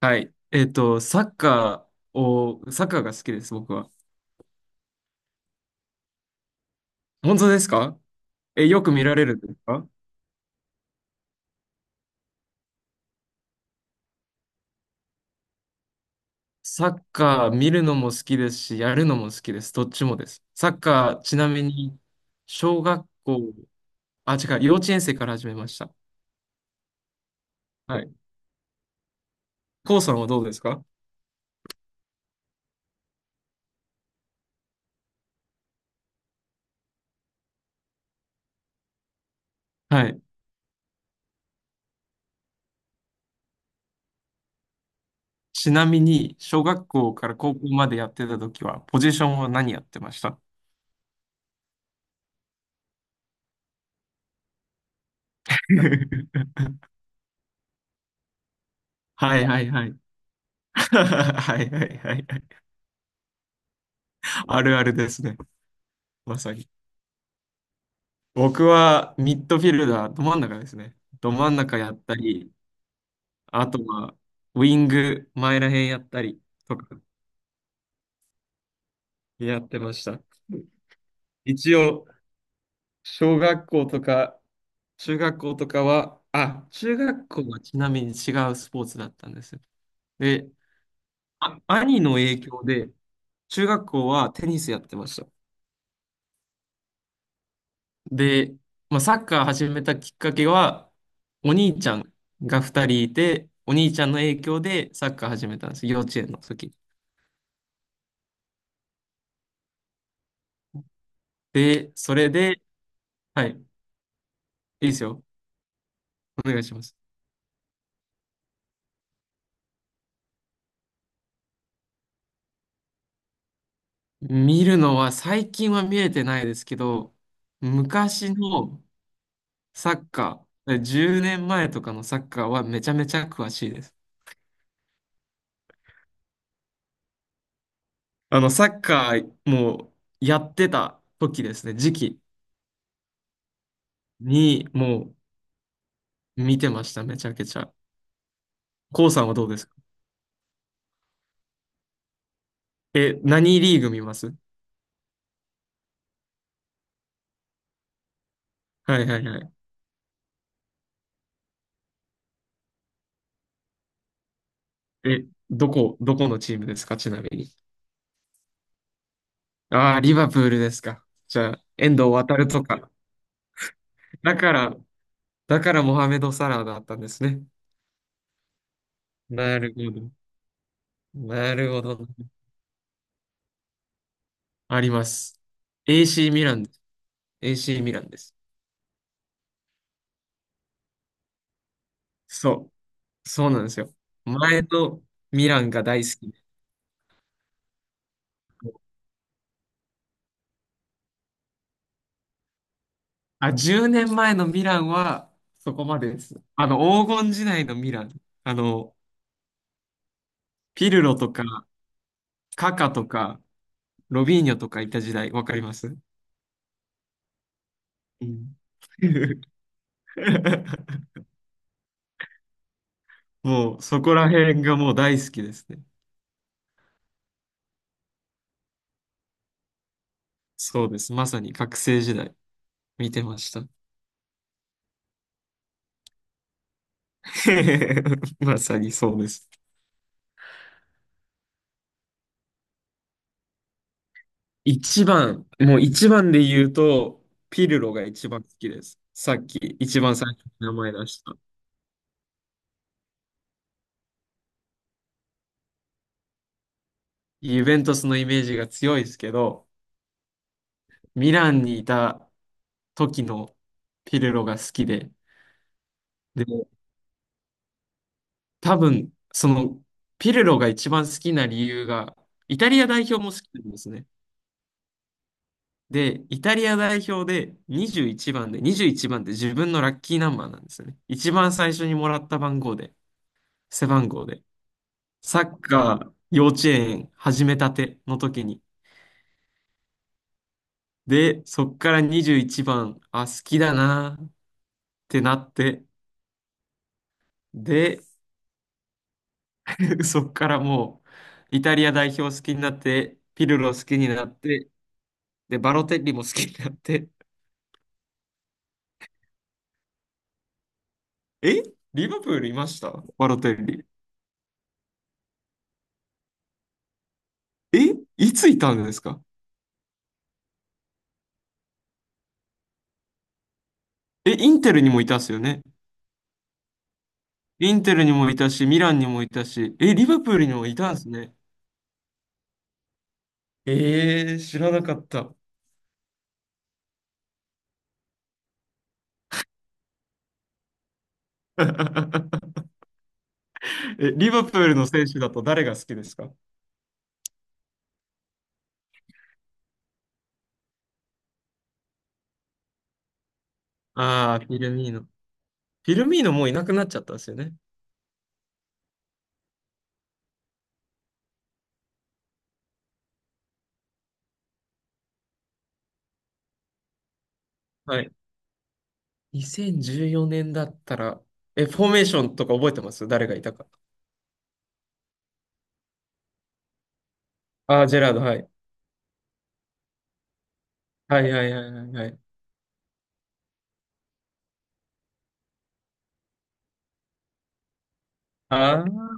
はい。サッカーが好きです、僕は。本当ですか？え、よく見られるんですか？サッカー見るのも好きですし、やるのも好きです。どっちもです。サッカー、ちなみに、小学校、あ、違う、幼稚園生から始めました。はい。コウさんはどうですか？はい。ちなみに、小学校から高校までやってた時は、ポジションは何やってました？ はいはいはい。はいはいはいはい。あるあるですね。まさに。僕はミッドフィルダー、ど真ん中ですね。ど真ん中やったり、あとはウィング、前らへんやったりとかやってました。一応、小学校とか中学校とかは、あ、中学校はちなみに違うスポーツだったんですよ。で、あ、兄の影響で、中学校はテニスやってました。で、まあ、サッカー始めたきっかけは、お兄ちゃんが2人いて、お兄ちゃんの影響でサッカー始めたんです。幼稚園の時。で、それで、はい、いいですよ。お願いします。見るのは最近は見れてないですけど、昔のサッカー、10年前とかのサッカーはめちゃめちゃ詳しいです。あの、サッカーもうやってた時ですね、時期にもう見てました、めちゃくちゃ。コウさんはどうですか？え、何リーグ見ます？はいはいはい。え、どこのチームですか、ちなみに。ああ、リバプールですか。じゃあ、遠藤航とか。だから、だからモハメド・サラーだったんですね。なるほど。なるほど。あります。AC ミランです。AC ミランです。そう。そうなんですよ。前のミランが大好きで。あ、10年前のミランはそこまでです。あの、黄金時代のミラン。あの、ピルロとか、カカとか、ロビーニョとかいた時代、わかります？うん。もう、そこら辺がもう大好きですね。そうです。まさに学生時代、見てました。まさにそうです。一番、もう一番で言うと、ピルロが一番好きです。さっき一番最初に名前出した。ユベントスのイメージが強いですけど、ミランにいた時のピルロが好きで、で、多分、その、ピルロが一番好きな理由が、イタリア代表も好きなんですね。で、イタリア代表で21番で、21番って自分のラッキーナンバーなんですよね。一番最初にもらった番号で、背番号で。サッカー幼稚園始めたての時に。で、そっから21番、あ、好きだなーってなって、で、そっからもう、イタリア代表好きになって、ピルロ好きになって、で、バロテッリも好きになって、え、リバプールいましたバロテッリ。え、いついたんですか？え、インテルにもいたっすよね。インテルにもいたし、ミランにもいたし、え、リバプールにもいたんですね。えー、知らなかった。え、リバプールの選手だと誰が好きですか？ああー、フィルミーノ。フィルミーノもういなくなっちゃったんですよね。はい。2014年だったら、え、フォーメーションとか覚えてます？誰がいたか。ああ、ジェラード、はい。はいはいはいはいはい。あー、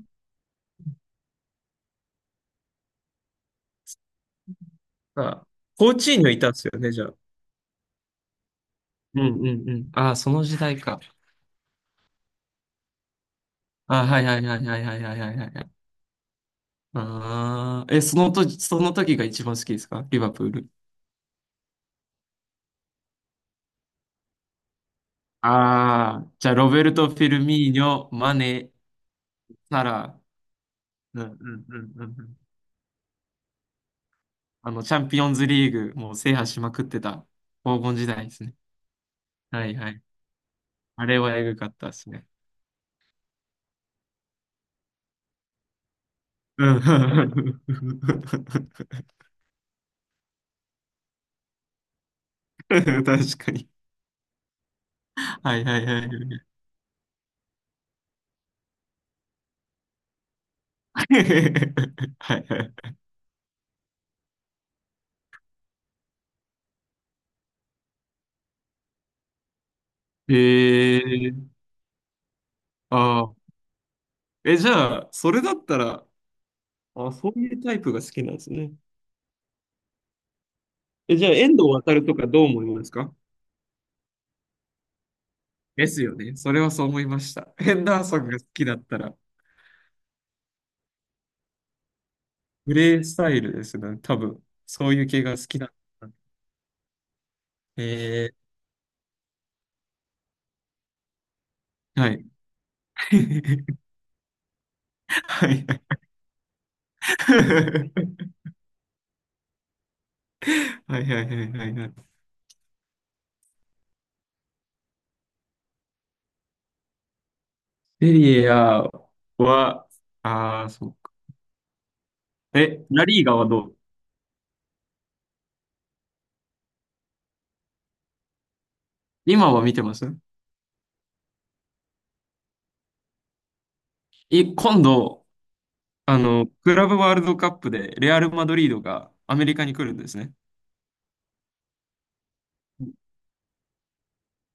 あ、コーチーニョいたんですよね、じゃあ。うんうんうん。ああ、その時代か。ああ、はいはいはいはいはいはいはいはい。ああ、え、その時が一番好きですか、リバプール。ああ、じゃあ、ロベルト・フィルミーニョ、マネ、サラ、うんうんうんうんうん。あの、チャンピオンズリーグ、もう制覇しまくってた黄金時代ですね。はいはい。あれはエグかったですね。うん。確かに。はいはいはい。はいはい。えー、ああ。え、じゃあ、それだったら、あ、そういうタイプが好きなんですね。え、じゃあ、遠藤航とかどう思いますか？ですよね。それはそう思いました。ヘンダーソンが好きだったら、プレイスタイルですね。多分、そういう系が好きだったら。えー、はい。はいはい はいはいはいはいはい。セリエ A は、ああ、そうか。え、ラリーガはどう？今は見てます？今度、あの、クラブワールドカップでレアル・マドリードがアメリカに来るんですね。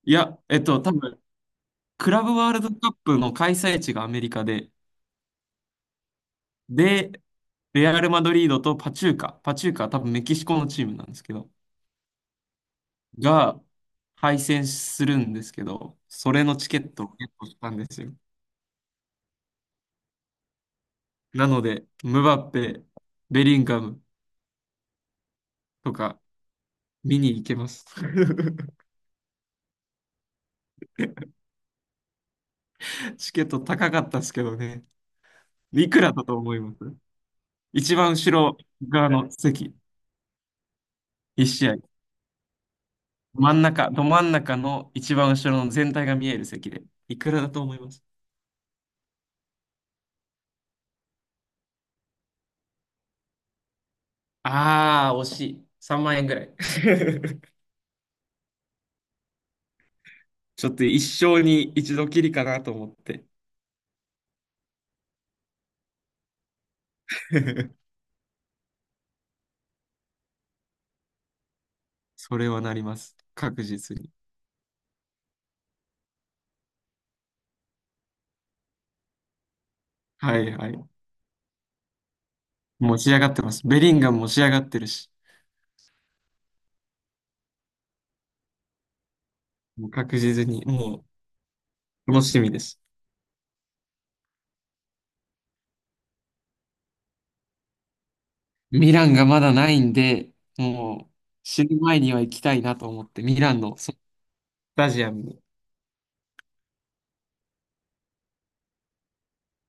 いや、多分、クラブワールドカップの開催地がアメリカで、で、レアル・マドリードとパチューカ、パチューカは多分メキシコのチームなんですけど、が敗戦するんですけど、それのチケットをゲットしたんですよ。なので、ムバッペ、ベリンガムとか見に行けます。チケット高かったですけどね。いくらだと思います？一番後ろ側の席、一試合。真ん中、ど真ん中の一番後ろの全体が見える席で。いくらだと思います？ああー、惜しい。3万円ぐらい。ちょっと一生に一度きりかなと思って。それはなります。確実に。はいはい。もう仕上がってます。ベリンガムも仕上がってるし、もう確実に、もう楽しみです。ミランがまだないんで、もう死ぬ前には行きたいなと思って、ミランのスタジアムに。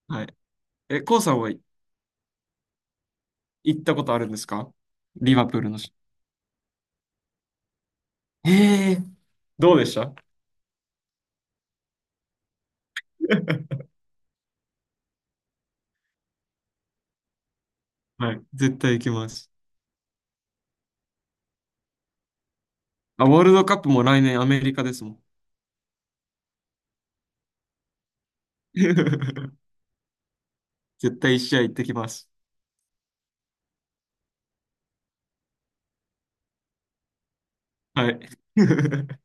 はい、え、コウさんは行ったことあるんですか？リバプールのし。ええ、どうでした？ はい。絶対行きます。あ、ワールドカップも来年アメリカですもん。絶対一試合行ってきます。はい。